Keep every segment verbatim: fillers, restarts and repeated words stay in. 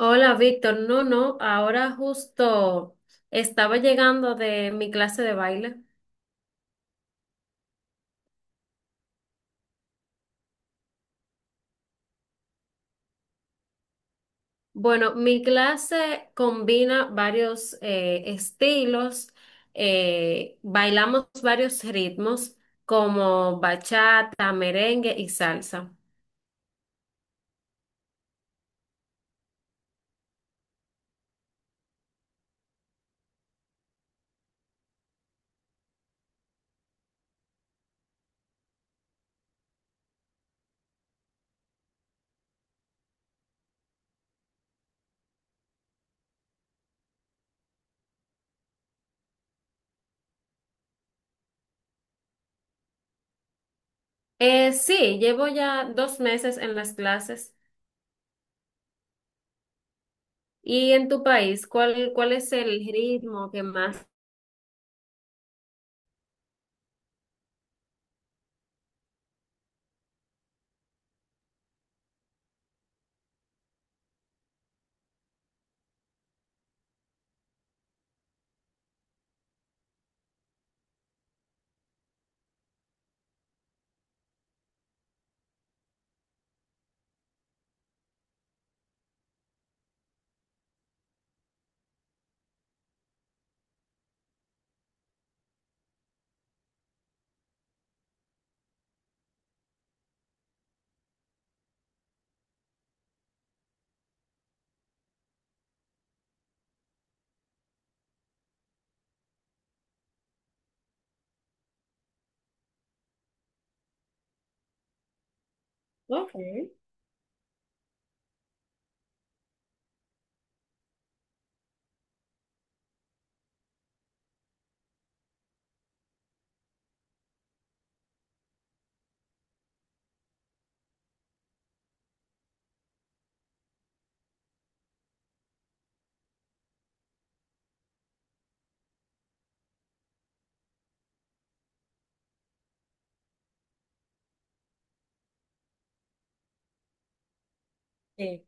Hola, Víctor. No, no, ahora justo estaba llegando de mi clase de baile. Bueno, mi clase combina varios eh, estilos, eh, bailamos varios ritmos como bachata, merengue y salsa. Eh, sí, llevo ya dos meses en las clases. ¿Y en tu país, cuál, cuál es el ritmo que más? Ok, sí.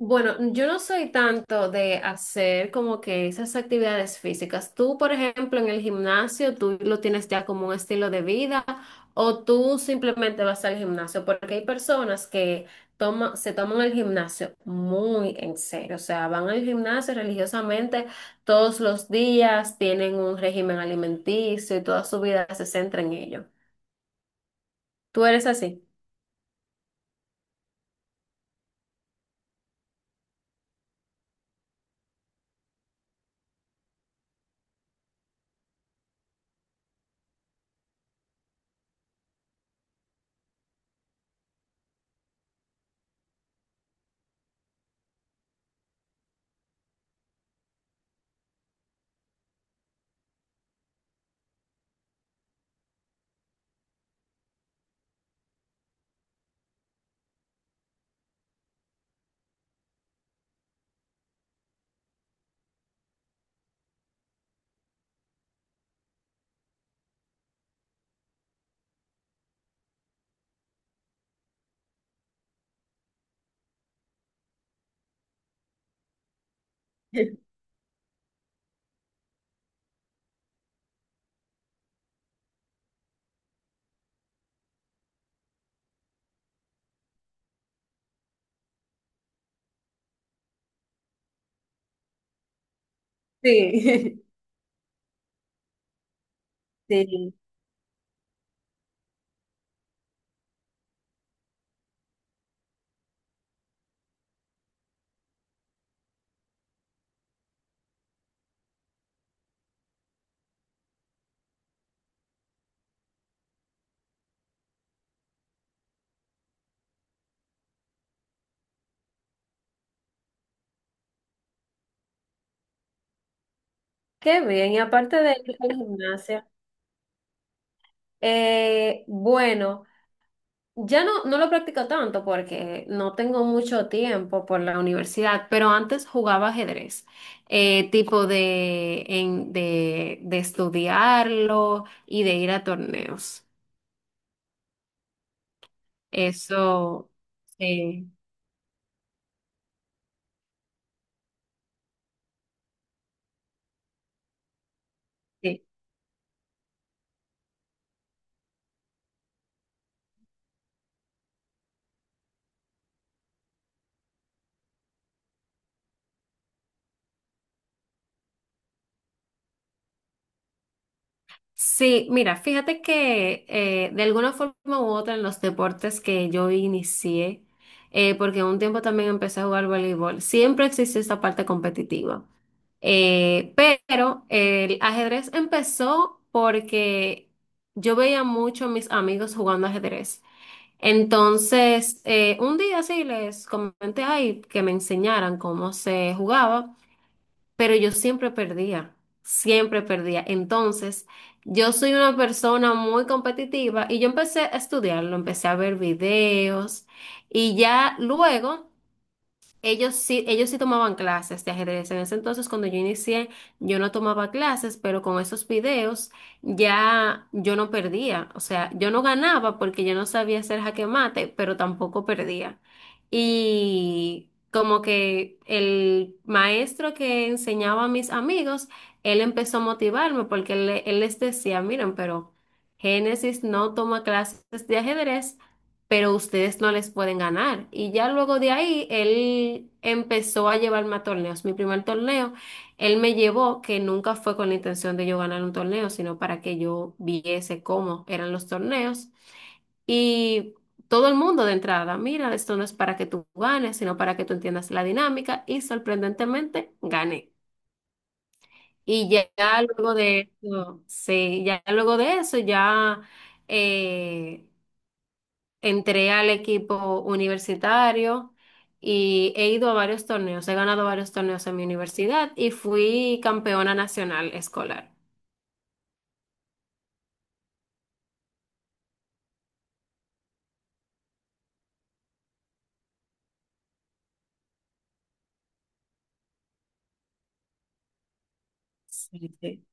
Bueno, yo no soy tanto de hacer como que esas actividades físicas. Tú, por ejemplo, en el gimnasio, tú lo tienes ya como un estilo de vida o tú simplemente vas al gimnasio, porque hay personas que toma- se toman el gimnasio muy en serio, o sea, van al gimnasio religiosamente todos los días, tienen un régimen alimenticio y toda su vida se centra en ello. ¿Tú eres así? Sí, sí. Qué bien, y aparte de ir al gimnasio. Eh, bueno, ya no, no lo practico tanto porque no tengo mucho tiempo por la universidad, pero antes jugaba ajedrez, eh, tipo de, en- de, de estudiarlo y de ir a torneos. Eso, sí, sí. Sí, mira, fíjate que eh, de alguna forma u otra en los deportes que yo inicié, eh, porque un tiempo también empecé a jugar voleibol, siempre existe esta parte competitiva. Eh, pero el ajedrez empezó porque yo veía mucho a mis amigos jugando ajedrez. Entonces, eh, un día sí les comenté ay, que me enseñaran cómo se jugaba pero yo siempre perdía, siempre perdía. Entonces, yo soy una persona muy competitiva y yo empecé a estudiarlo, empecé a ver videos y ya luego... Ellos sí, ellos sí tomaban clases de ajedrez. En ese entonces, cuando yo inicié, yo no tomaba clases, pero con esos videos ya yo no perdía. O sea, yo no ganaba porque yo no sabía hacer jaque mate, pero tampoco perdía. Y como que el maestro que enseñaba a mis amigos, él empezó a motivarme porque él, él les decía, miren, pero Génesis no toma clases de ajedrez pero ustedes no les pueden ganar. Y ya luego de ahí, él empezó a llevarme a torneos. Mi primer torneo, él me llevó, que nunca fue con la intención de yo ganar un torneo, sino para que yo viese cómo eran los torneos. Y todo el mundo de entrada, mira, esto no es para que tú ganes, sino para que tú entiendas la dinámica. Y sorprendentemente, gané. Y ya ya luego de eso, sí, ya luego de eso, ya eh, entré al equipo universitario y he ido a varios torneos, he ganado varios torneos en mi universidad y fui campeona nacional escolar. Sí, sí.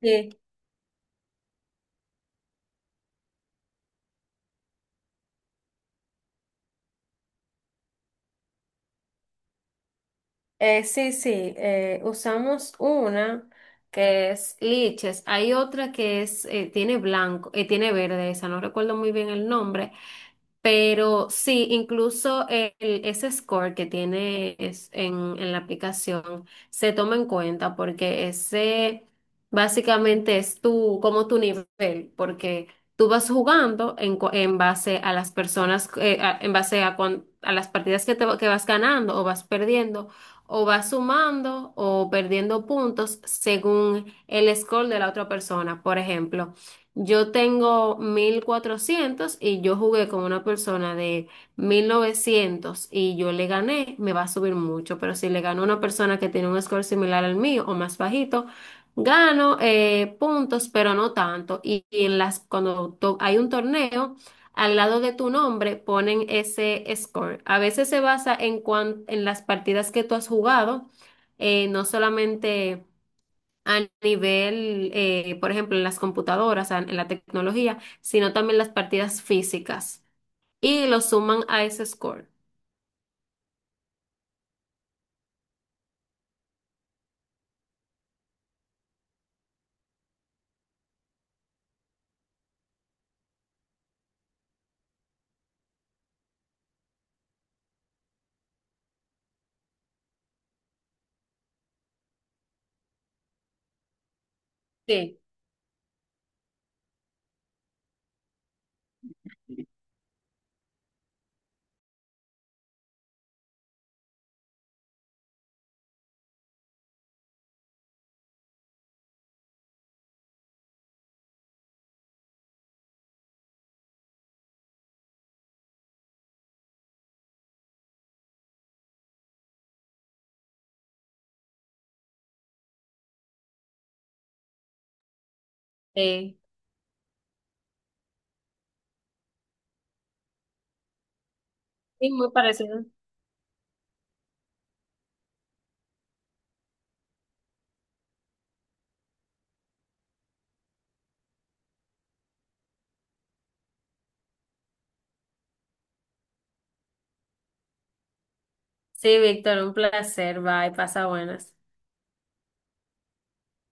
Sí, eh, sí, sí, eh, usamos una que es liches, hay otra que es, eh, tiene blanco, eh, tiene verde, esa no recuerdo muy bien el nombre. Pero sí, incluso el- ese score que tiene es- en, en la aplicación se toma en cuenta porque ese básicamente es tu, como tu nivel, porque tú vas jugando en, cu- en base a las personas, eh, a- en base a, cuan- a las partidas que, te, va- que vas ganando o vas perdiendo, o vas sumando o perdiendo puntos según el score de la otra persona. Por ejemplo. Yo tengo mil cuatrocientos y yo jugué con una persona de mil novecientos y yo le gané, me va a subir mucho, pero si le gano a una persona que tiene un score similar al mío o más bajito, gano eh, puntos, pero no tanto. Y, y en las, cuando to- hay un torneo, al lado de tu nombre ponen ese score. A veces se basa en, cuan- en las partidas que tú has jugado, eh, no solamente a nivel, eh, por ejemplo, en las computadoras, a- en la tecnología, sino también las partidas físicas. Y lo suman a ese score. Sí, sí, sí, muy parecido. Sí, Víctor, un placer. Bye, pasa buenas.